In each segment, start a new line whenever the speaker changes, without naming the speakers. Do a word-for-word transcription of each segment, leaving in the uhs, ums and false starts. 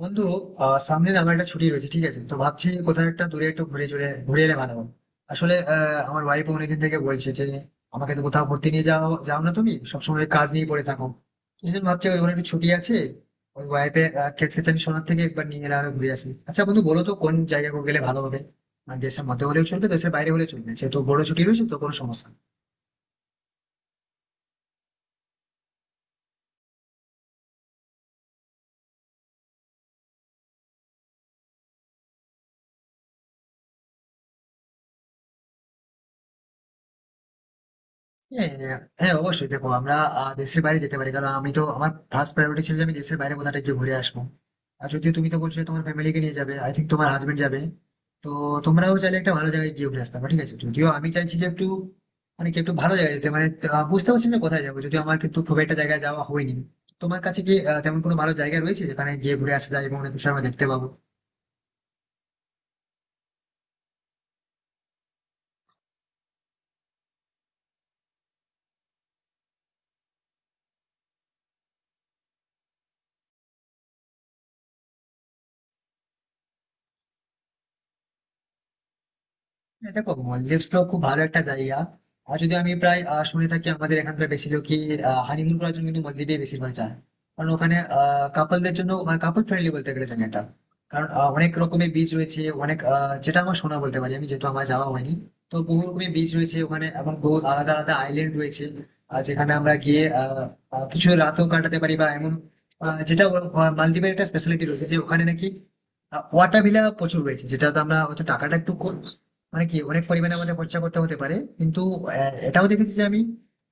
বন্ধু, আহ সামনে না আমার একটা ছুটি রয়েছে, ঠিক আছে? তো ভাবছি কোথাও একটা দূরে একটু ঘুরে চলে ঘুরে এলে ভালো হয়। আসলে আহ, আমার ওয়াইফ অনেকদিন থেকে বলছে যে আমাকে তো কোথাও ঘুরতে নিয়ে যাও, যাও না, তুমি সবসময় কাজ নিয়ে পড়ে থাকো। সেদিন ভাবছি ওই ওখানে একটু ছুটি আছে, ওই ওয়াইফের খেচখেচানি শোনার থেকে একবার নিয়ে এলে আরো ঘুরে আসি। আচ্ছা বন্ধু, বলো তো কোন জায়গায় গেলে ভালো হবে? মানে দেশের মধ্যে হলেও চলবে, দেশের বাইরে হলেও চলবে, যেহেতু বড় ছুটি রয়েছে তো কোনো সমস্যা নেই। হ্যাঁ, হ্যাঁ, অবশ্যই। দেখো আমরা আহ, দেশের বাইরে যেতে পারি, কারণ আমি তো আমার ফার্স্ট প্রায়োরিটি ছিল যে আমি দেশের বাইরে কোথাটা গিয়ে ঘুরে আসবো। আর যদিও তুমি তো বলছো যে তোমার ফ্যামিলিকে নিয়ে যাবে, আই থিঙ্ক তোমার হাজবেন্ড যাবে, তো তোমরাও চাইলে একটা ভালো জায়গায় গিয়ে ঘুরে আসতে পারো, ঠিক আছে? যদিও আমি চাইছি যে একটু, মানে কি, একটু ভালো জায়গায় যেতে, মানে আহ, বুঝতে পারছি না যে কোথায় যাবো, যদিও আমার কিন্তু খুব একটা জায়গায় যাওয়া হয়নি। তোমার কাছে কি আহ, তেমন কোনো ভালো জায়গা রয়েছে যেখানে গিয়ে ঘুরে আসা যায় এবং অনেক কিছু আমরা দেখতে পাবো? হ্যাঁ, দেখো মলদিভস তো খুব ভালো একটা জায়গা। আর যদি আমি প্রায় আহ, শুনে থাকি, আমাদের এখানকার বেশি লোকই হানিমুন করার জন্য কিন্তু মলদ্বীপে বেশিরভাগ যায়। কারণ ওখানে কাপলদের জন্য, কাপল ফ্রেন্ডলি বলতে গেলে জায়গাটা, কারণ আহ, অনেক রকমের বীজ রয়েছে, অনেক আহ, যেটা আমার শোনা বলতে পারি, আমি যেহেতু আমার যাওয়া হয়নি। তো বহু রকমের বীজ রয়েছে ওখানে, এবং বহু আলাদা আলাদা আইল্যান্ড রয়েছে। আর যেখানে আমরা গিয়ে আহ, আহ, কিছু রাতও কাটাতে পারি, বা এমন আহ, যেটা আহ, মালদ্বীপের একটা স্পেশালিটি রয়েছে যে ওখানে নাকি ওয়াটার ভিলা প্রচুর রয়েছে, যেটা তো আমরা হয়তো টাকাটা একটু কম, মানে কি, অনেক পরিমাণে আমাদের খরচা করতে হতে পারে, কিন্তু আহ, এটাও দেখেছি যে আমি,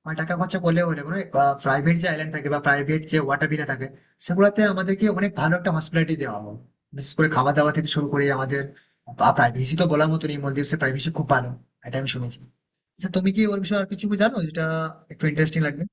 আহ, টাকা খরচা করলেও হলে কোনো প্রাইভেট যে আইল্যান্ড থাকে বা প্রাইভেট যে ওয়াটার ভিলা থাকে, সেগুলোতে আমাদেরকে অনেক ভালো একটা হসপিটালিটি দেওয়া হয়। বিশেষ করে খাওয়া দাওয়া থেকে শুরু করে আমাদের প্রাইভেসি তো বলার মতো নেই, মলদ্বীপের প্রাইভেসি খুব ভালো, এটা আমি শুনেছি। আচ্ছা তুমি কি ওর বিষয়ে আর কিছু জানো যেটা একটু ইন্টারেস্টিং লাগবে?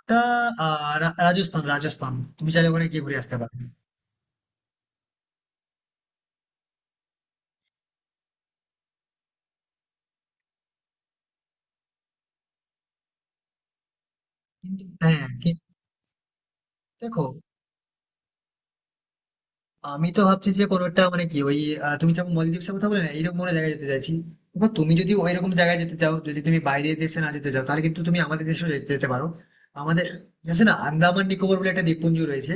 ওটা আহ, রা- রাজস্থান রাজস্থান, তুমি চাইলে ওখানে গিয়ে ঘুরে আসতে পারো। কিন্তু হ্যাঁ কি- দেখো আমি তো ভাবছি যে কোনো একটা, মানে কি, ওই আহ, তুমি যখন মলদ্বীপের কথা বলে না, এইরকম কোনো জায়গায় যেতে চাইছি। দেখো তুমি যদি ওই রকম জায়গায় যেতে চাও, যদি তুমি বাইরের দেশে না যেতে চাও, তাহলে কিন্তু তুমি আমাদের দেশেও যেতে যেতে পারো। আমাদের দেশে না, আন্দামান নিকোবর বলে একটা দ্বীপপুঞ্জ রয়েছে।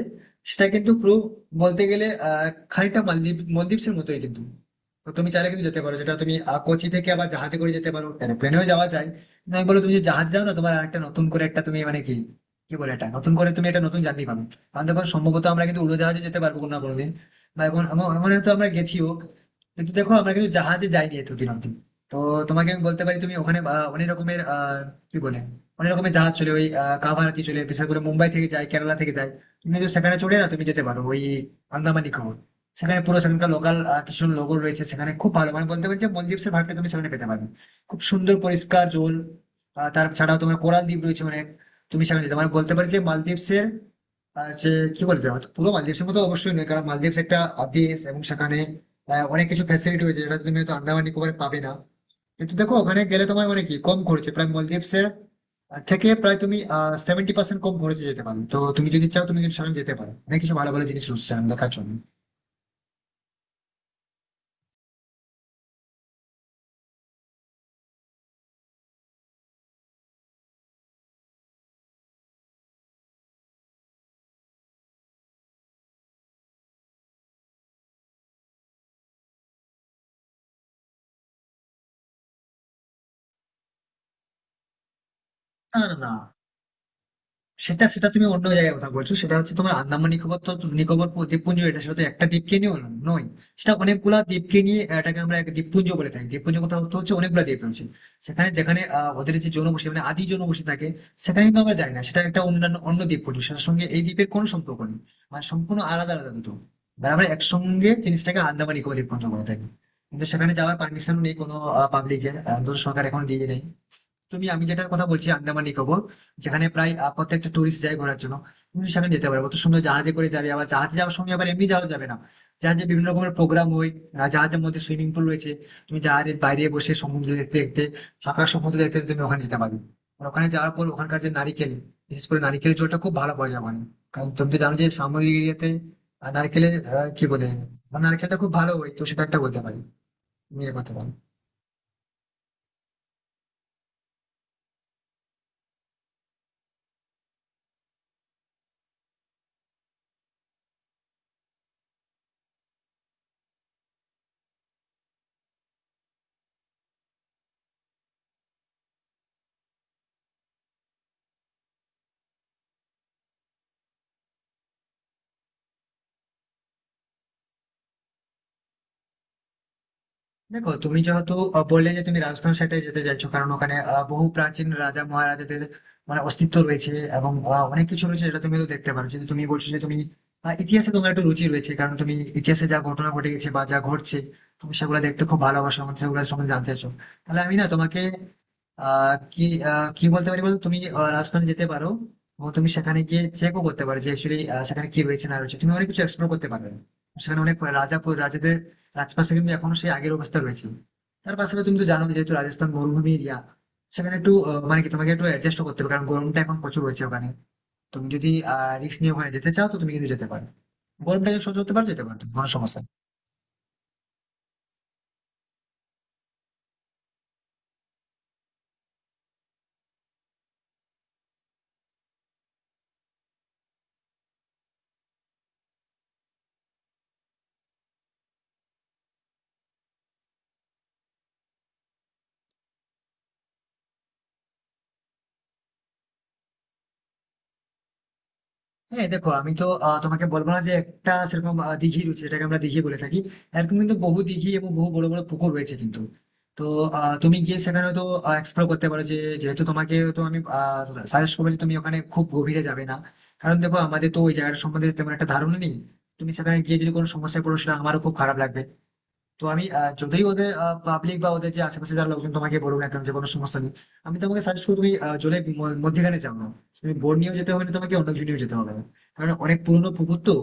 সেটা কিন্তু পুরো বলতে গেলে আহ খানিকটা মালদ্বীপ মলদ্বীপের মতোই, কিন্তু। তো তুমি চাইলে কিন্তু যেতে পারো, যেটা তুমি আহ, কোচি থেকে আবার জাহাজে করে যেতে পারো, কেন প্লেনেও যাওয়া যায়। কিন্তু আমি বলো, তুমি যে জাহাজ যাও না, তোমার একটা নতুন করে একটা তুমি, মানে কি, কি বলে, এটা নতুন করে তুমি একটা নতুন জার্নি পাবে। কারণ দেখো, সম্ভবত আমরা কিন্তু উড়োজাহাজে যেতে পারবো কোনো না কোনোদিন, বা এমন এমন এমন হয়তো আমরা গেছিও, কিন্তু দেখো আমরা কিন্তু জাহাজে যাইনি এতদিন অব্দি। তো তোমাকে আমি বলতে পারি, তুমি ওখানে আহ, অনেক রকমের, আহ কি বলে, অনেক রকমের জাহাজ চলে, ওই আহ, কাভারাতি চলে, বিশেষ করে মুম্বাই থেকে যায়, কেরালা থেকে যায়। তুমি কিন্তু সেখানে চড়ে না, তুমি যেতে পারো ওই আন্দামান নিকোবর। সেখানে পুরো সেখানকার লোকাল কিছু লোগো রয়েছে, সেখানে খুব ভালো, মানে বলতে পারছি মলদ্বীপের ভাবটা তুমি সেখানে পেতে পারবে। খুব সুন্দর পরিষ্কার জল। আহ, তার ছাড়াও তোমার কোরাল দ্বীপ রয়েছে অনেক। তুমি সেখানে যেতে, মানে বলতে পারি যে মালদ্বীপসের, আর হচ্ছে কি, বলতে হয়তো পুরো মালদ্বীপের মতো অবশ্যই নয়, কারণ মালদ্বীপ একটা দেশ এবং সেখানে আহ, অনেক কিছু ফ্যাসিলিটি রয়েছে যেটা তুমি হয়তো আন্দামান নিকোবরে পাবে না। কিন্তু দেখো ওখানে গেলে তোমার, মানে কি, কম খরচে, প্রায় মালদ্বীপসের থেকে প্রায় তুমি আহ সেভেন্টি পার্সেন্ট কম খরচে যেতে পারো, তো তুমি যদি চাও তুমি কিন্তু সেখানে যেতে পারো, অনেক কিছু ভালো ভালো জিনিস রয়েছে সেখানে দেখার জন্য। না, না, না, সেটা সেটা তুমি অন্য জায়গায় কথা বলছো, সেটা হচ্ছে তোমার আন্দামান নিকোবর, তো নিকোবর দ্বীপপুঞ্জ এটা, সেটা তো একটা দ্বীপকে নিয়ে ন- নয়। সেটা অনেকগুলা দ্বীপকে নিয়ে, এটাকে আমরা এক দ্বীপপুঞ্জ বলে থাকি। দ্বীপপুঞ্জ কথা অর্থ হচ্ছে অনেকগুলা দ্বীপ রয়েছে সেখানে, যেখানে আহ, ওদের যে জনবসতি, মানে আদি জনবসতি থাকে, সেখানে কিন্তু আমরা যাই না। সেটা একটা অন্যান্য অন্য দ্বীপপুঞ্জ, সেটার সঙ্গে এই দ্বীপের কোনো সম্পর্ক নেই। মানে সম্পূর্ণ আলাদা আলাদা দুটো। এবার আমরা একসঙ্গে জিনিসটাকে আন্দামান নিকোবর দ্বীপপুঞ্জ বলে থাকি, কিন্তু সেখানে যাওয়ার পারমিশন নেই কোনো পাবলিকের, সরকার এখন দিয়ে নেই। তুমি, আমি যেটার কথা বলছি আন্দামান নিকোবর, যেখানে প্রায় আহ, প্রত্যেকটা টুরিস্ট যায় ঘোরার জন্য। তুমি সেখানে যেতে পারো, কত সুন্দর জাহাজে করে যাবে। আবার জাহাজে যাওয়ার সঙ্গে আবার এমনি জাহাজ যাবে না, জাহাজে বিভিন্ন রকমের প্রোগ্রাম হয়। আহ, জাহাজের মধ্যে সুইমিং পুল রয়েছে, তুমি জাহাজের বাইরে বসে সমুদ্র দেখতে দেখতে, ফাঁকা সমুদ্র দেখতে দেখতে তুমি ওখানে যেতে পারবে। আর ওখানে যাওয়ার পর ওখানকার যে নারিকেল, বিশেষ করে নারিকেলের জলটা খুব ভালো পাওয়া যায় ওখানে। কারণ তুমি তো জানো যে সামগ্রী এরিয়াতে নারকেলের, আহ, কি বলে, নারকেলটা খুব ভালো হয়, তো সেটা একটা বলতে পারি। তুমি এ কথা বলো। দেখো তুমি যেহেতু আহ, বললে যে তুমি রাজস্থান সাইডে যেতে চাইছো, কারণ ওখানে আহ, বহু প্রাচীন রাজা মহারাজাদের মানে অস্তিত্ব রয়েছে, এবং আহ, অনেক কিছু রয়েছে যেটা তুমি তো দেখতে পারো, কিন্তু তুমি বলছো যে তুমি আহ, ইতিহাসে তোমার একটু রুচি রয়েছে, কারণ তুমি ইতিহাসে যা ঘটনা ঘটে গেছে বা যা ঘটছে, তুমি সেগুলো দেখতে খুব ভালোবাসো এবং সেগুলো সম্বন্ধে জানতে চাইছো। তাহলে আমি না তোমাকে আহ কি আহ, কি বলতে পারি বলতো, তুমি আহ, রাজস্থানে যেতে পারো, এবং তুমি সেখানে গিয়ে চেকও করতে পারো যে অ্যাকচুয়ালি সেখানে কি রয়েছে না রয়েছে, তুমি অনেক কিছু এক্সপ্লোর করতে পারবে। সেখানে অনেক রাজা রাজাদের রাজপাশে কিন্তু এখনো সেই আগের অবস্থা রয়েছে। তার পাশাপাশি তুমি তো জানো, যেহেতু রাজস্থান মরুভূমি এরিয়া, সেখানে একটু আহ, মানে কি তোমাকে একটু অ্যাডজাস্ট করতে হবে, কারণ গরমটা এখন প্রচুর রয়েছে ওখানে। তুমি যদি আহ রিস্ক নিয়ে ওখানে যেতে চাও তো তুমি কিন্তু যেতে পারো, গরমটা যদি সহ্য করতে পারো যেতে পারো কোনো সমস্যা নেই। হ্যাঁ, দেখো আমি তো আহ, তোমাকে বলবো না যে একটা সেরকম আহ, দিঘি রয়েছে যেটাকে আমরা দিঘি বলে থাকি, এরকম কিন্তু বহু দিঘি এবং বহু বড় বড় পুকুর রয়েছে, কিন্তু তো আহ, তুমি গিয়ে সেখানে তো এক্সপ্লোর করতে পারো যে, যেহেতু তোমাকে তো আমি সাজেস্ট করবো যে তুমি ওখানে খুব গভীরে যাবে না, কারণ দেখো আমাদের তো ওই জায়গাটা সম্বন্ধে তেমন একটা ধারণা নেই। তুমি সেখানে গিয়ে যদি কোনো সমস্যায় পড়ো সেটা আমারও খুব খারাপ লাগবে। তো আমি আহ, যতই ওদের পাবলিক বা ওদের যে আশেপাশে যারা লোকজন তোমাকে বলুক না কেন যে কোনো সমস্যা নেই, আমি তোমাকে সাজেস্ট করবো তুমি আহ, জলের ম- মধ্যেখানে যাও না। তুমি বোট নিয়েও যেতে হবে না, তোমাকে অন্য কিছু নিয়েও যেতে হবে না, কারণ অনেক পুরনো পুকুর তো,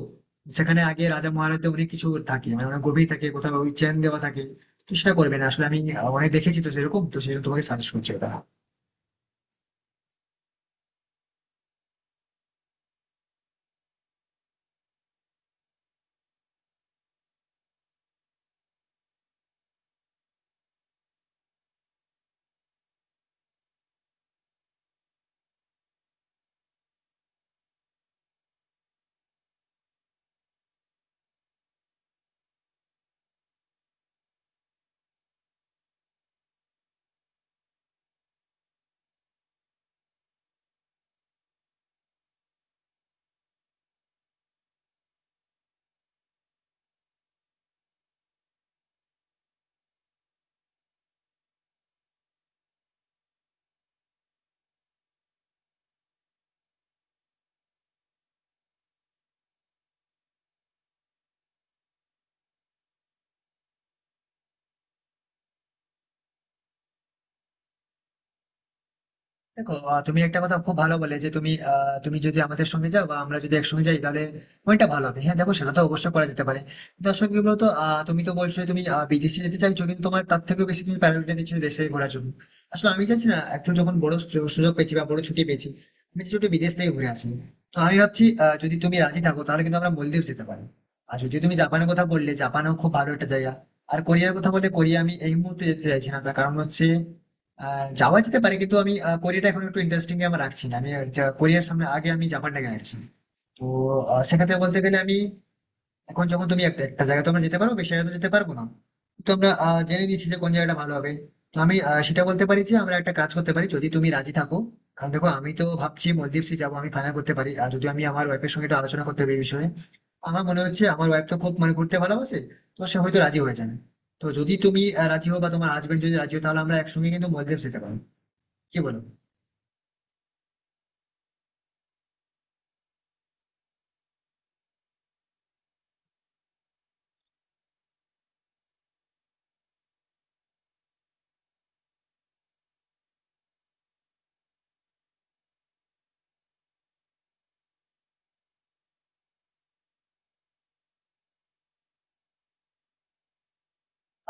সেখানে আগে রাজা মহারাজাদের অনেক কিছু থাকে, মানে অনেক গভীর থাকে, কোথাও ওই চেন দেওয়া থাকে। তো সেটা করবে না, আসলে আমি আহ, অনেক দেখেছি তো সেরকম, তো সেই জন্য তোমাকে সাজেস্ট করছি ওটা। দেখো আহ, তুমি একটা কথা খুব ভালো বলে যে তুমি আহ, তুমি যদি আমাদের সঙ্গে যাও বা আমরা যদি একসঙ্গে যাই তাহলে ওইটা ভালো হবে। হ্যাঁ, দেখো সেটা তো অবশ্যই করা যেতে পারে। কিন্তু আসলে কি বলতো, আহ, তুমি তো বলছো যে তুমি আহ, বিদেশে যেতে চাইছো, কিন্তু তোমার তার থেকেও বেশি তুমি প্রায়োরিটি দিচ্ছ দেশে ঘোরার জন্য। আসলে আমি চাইছি না, একটু যখন বড় সু- সুযোগ পেয়েছি বা বড় ছুটি পেয়েছি, আমি চাইছি একটু বিদেশ থেকে ঘুরে আসি। তো আমি ভাবছি আহ, যদি তুমি রাজি থাকো তাহলে কিন্তু আমরা মলদ্বীপ যেতে পারি। আর যদি তুমি জাপানের কথা বললে, জাপানও খুব ভালো একটা জায়গা। আর কোরিয়ার কথা বললে কোরিয়া আমি এই মুহূর্তে যেতে চাইছি না, তার কারণ হচ্ছে আহ, যাওয়া যেতে পারে, কিন্তু আমি আহ, কোরিয়াটা এখন একটু ইন্টারেস্টিং আমার রাখছি না আমি। যা- কোরিয়ার সামনে আগে আমি জাপানটাকে রাখছি। তো আহ, সেক্ষেত্রে বলতে গেলে আমি, এখন যখন তুমি একটা একটা জায়গায় তোমরা যেতে পারো, বেশি জায়গায় তো যেতে পারবো না। তো আমরা আহ, জেনে নিয়েছি যে কোন জায়গাটা ভালো হবে। তো আমি আহ, সেটা বলতে পারি যে আমরা একটা কাজ করতে পারি, যদি তুমি রাজি থাকো। কারণ দেখো আমি তো ভাবছি মলদ্বীপসে যাবো, আমি ফাইনাল করতে পারি, আর যদি আমি আমার ওয়াইফের সঙ্গে একটু আলোচনা করতে হবে এই বিষয়ে। আমার মনে হচ্ছে আমার ওয়াইফ তো খুব, মানে ঘুরতে ভালোবাসে, তো সে হয়তো রাজি হয়ে যাবে। তো যদি তুমি আহ, রাজি হও বা তোমার হাজবেন্ড যদি রাজি হয়, তাহলে আমরা একসঙ্গে কিন্তু মলদ্বীপ যেতে পারবো, কি বলো?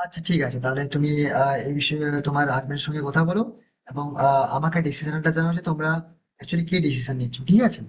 আচ্ছা ঠিক আছে, তাহলে তুমি আহ, এই বিষয়ে তোমার হাজবেন্ডের সঙ্গে কথা বলো এবং আহ, আমাকে ডিসিশনটা জানাও যে তোমরা অ্যাকচুয়ালি কি ডিসিশন নিচ্ছ, ঠিক আছে?